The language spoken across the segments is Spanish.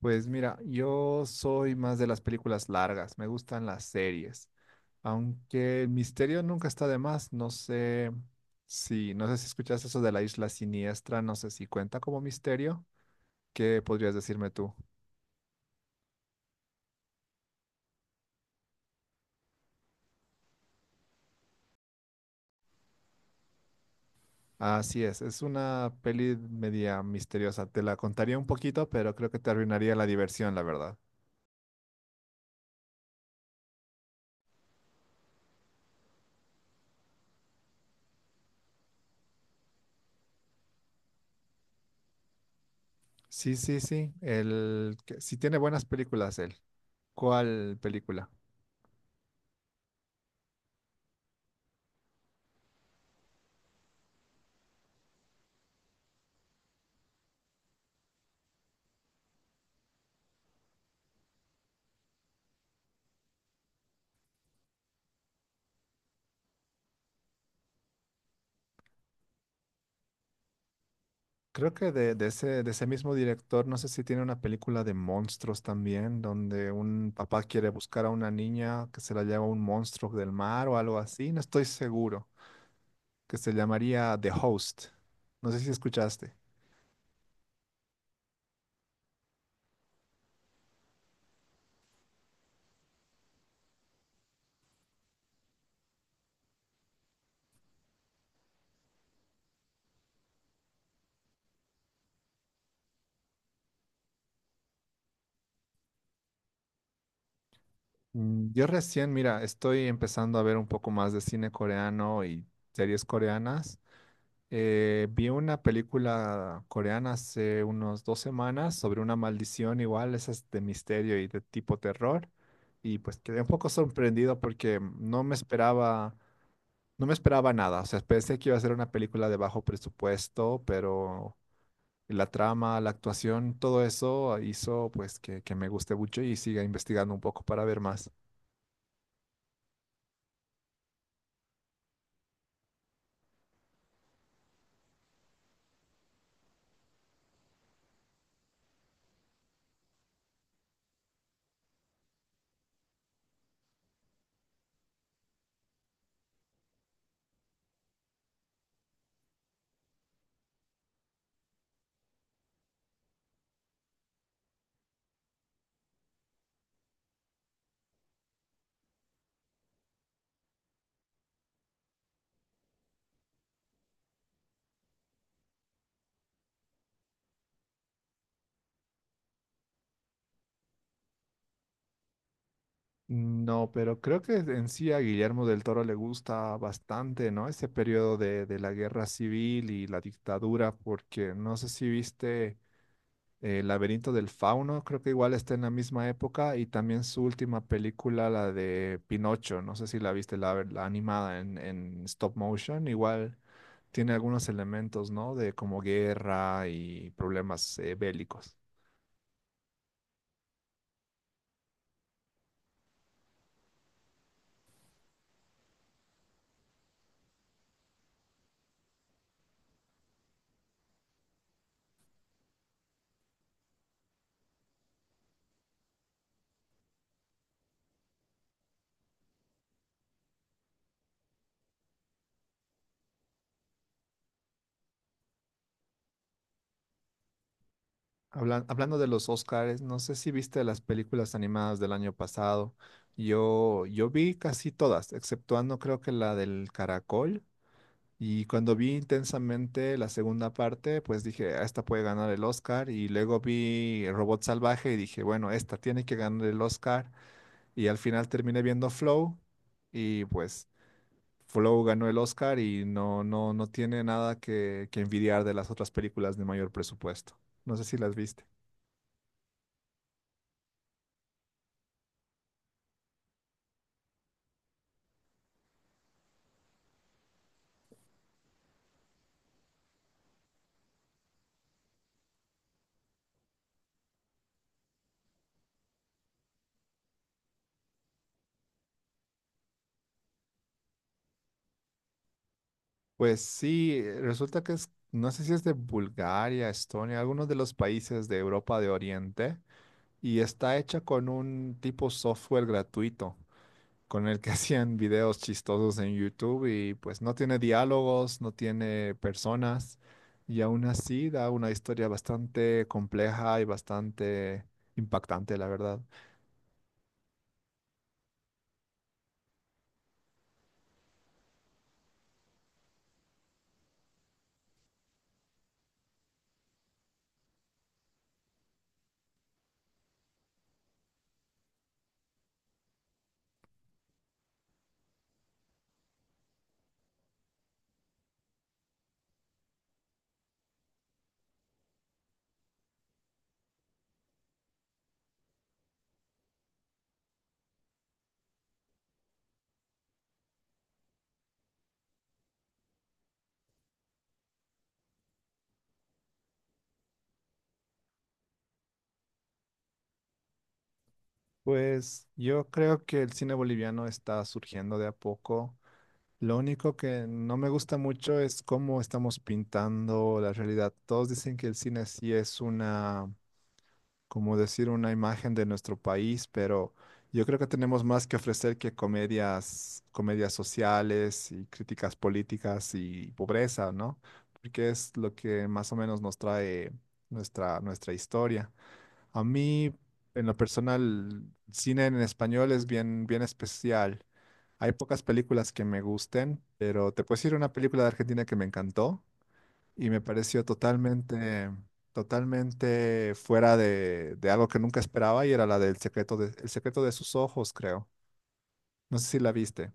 Pues mira, yo soy más de las películas largas, me gustan las series, aunque el misterio nunca está de más, no sé si escuchas eso de La Isla Siniestra, no sé si cuenta como misterio. ¿Qué podrías decirme tú? Así es una peli media misteriosa, te la contaría un poquito, pero creo que te arruinaría la diversión, la verdad. Sí, sí, sí, el, sí tiene buenas películas él. ¿Cuál película? Creo que de ese mismo director, no sé si tiene una película de monstruos también, donde un papá quiere buscar a una niña que se la lleva un monstruo del mar o algo así, no estoy seguro, que se llamaría The Host. No sé si escuchaste. Mm, yo recién, mira, estoy empezando a ver un poco más de cine coreano y series coreanas. Vi una película coreana hace unos dos semanas sobre una maldición igual, esa es de misterio y de tipo terror. Y pues quedé un poco sorprendido porque no me esperaba nada. O sea, pensé que iba a ser una película de bajo presupuesto, pero la trama, la actuación, todo eso hizo pues que me guste mucho y siga investigando un poco para ver más. No, pero creo que en sí a Guillermo del Toro le gusta bastante, ¿no? Ese periodo de la guerra civil y la dictadura, porque no sé si viste El laberinto del fauno, creo que igual está en la misma época, y también su última película, la de Pinocho, no sé si la viste, la animada en stop motion, igual tiene algunos elementos, ¿no? De como guerra y problemas bélicos. Hablando de los Oscars, no sé si viste las películas animadas del año pasado. Yo vi casi todas, exceptuando creo que la del Caracol. Y cuando vi Intensamente la segunda parte, pues dije: "Ah, esta puede ganar el Oscar". Y luego vi Robot Salvaje y dije: "Bueno, esta tiene que ganar el Oscar". Y al final terminé viendo Flow, y pues Flow ganó el Oscar y no, no tiene nada que envidiar de las otras películas de mayor presupuesto. No sé si las viste. Pues sí, resulta que es, no sé si es de Bulgaria, Estonia, algunos de los países de Europa de Oriente, y está hecha con un tipo software gratuito, con el que hacían videos chistosos en YouTube, y pues no tiene diálogos, no tiene personas, y aún así da una historia bastante compleja y bastante impactante, la verdad. Pues yo creo que el cine boliviano está surgiendo de a poco. Lo único que no me gusta mucho es cómo estamos pintando la realidad. Todos dicen que el cine sí es una, como decir, una imagen de nuestro país, pero yo creo que tenemos más que ofrecer que comedias, comedias sociales y críticas políticas y pobreza, ¿no? Porque es lo que más o menos nos trae nuestra historia. A mí, en lo personal, cine en español es bien especial. Hay pocas películas que me gusten, pero te puedo decir una película de Argentina que me encantó y me pareció totalmente fuera de algo que nunca esperaba, y era la del secreto de, El secreto de sus ojos, creo. No sé si la viste.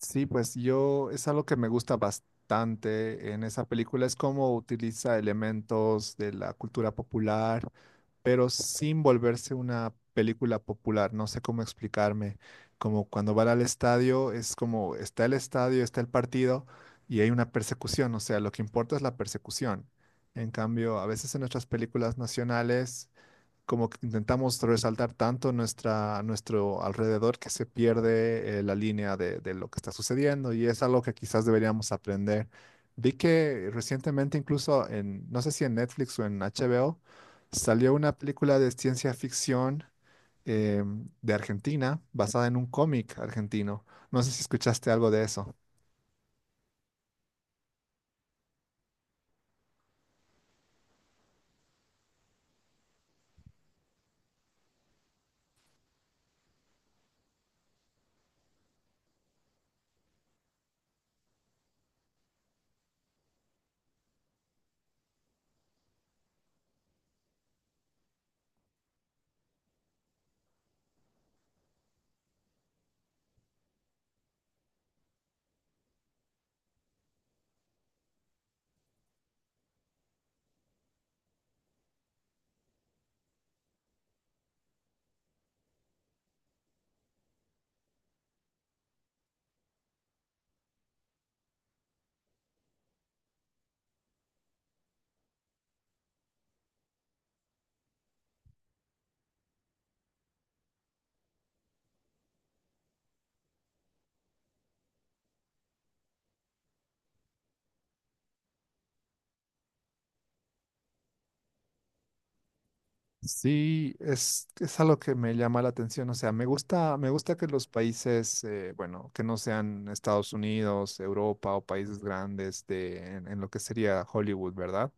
Sí, pues yo, es algo que me gusta bastante en esa película, es cómo utiliza elementos de la cultura popular, pero sin volverse una película popular, no sé cómo explicarme. Como cuando van al estadio, es como está el estadio, está el partido y hay una persecución, o sea, lo que importa es la persecución. En cambio, a veces en nuestras películas nacionales como que intentamos resaltar tanto nuestra, nuestro alrededor que se pierde la línea de lo que está sucediendo, y es algo que quizás deberíamos aprender. Vi que recientemente, incluso en, no sé si en Netflix o en HBO, salió una película de ciencia ficción, eh, de Argentina, basada en un cómic argentino. No sé si escuchaste algo de eso. Sí, es algo que me llama la atención. O sea, me gusta que los países, bueno, que no sean Estados Unidos, Europa o países grandes en lo que sería Hollywood, ¿verdad?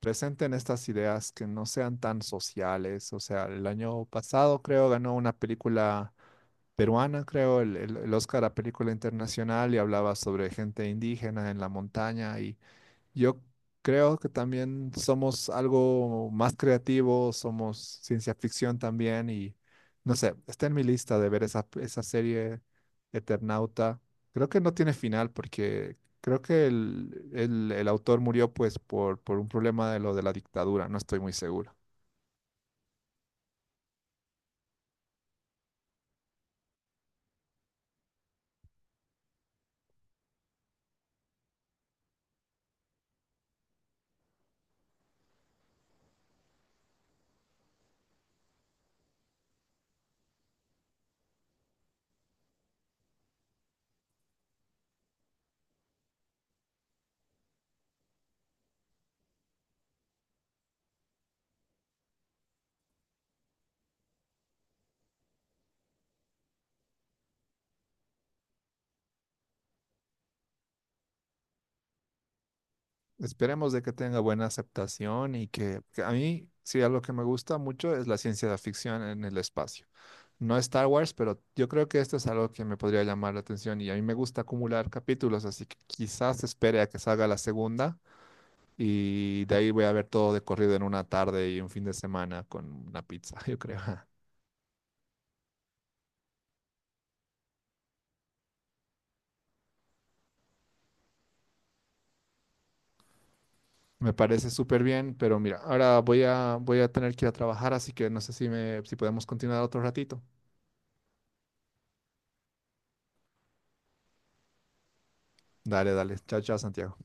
Presenten estas ideas que no sean tan sociales. O sea, el año pasado creo ganó una película peruana, creo, el Oscar a película internacional, y hablaba sobre gente indígena en la montaña, y yo creo que también somos algo más creativos, somos ciencia ficción también, y no sé, está en mi lista de ver esa, esa serie Eternauta. Creo que no tiene final porque creo que el autor murió pues por un problema de lo de la dictadura, no estoy muy seguro. Esperemos de que tenga buena aceptación. Y que a mí, sí, algo que me gusta mucho es la ciencia de ficción en el espacio. No Star Wars, pero yo creo que esto es algo que me podría llamar la atención, y a mí me gusta acumular capítulos, así que quizás espere a que salga la segunda y de ahí voy a ver todo de corrido en una tarde y un fin de semana con una pizza, yo creo. Me parece súper bien, pero mira, ahora voy a tener que ir a trabajar, así que no sé si podemos continuar otro ratito. Dale, dale. Chao, chao, Santiago.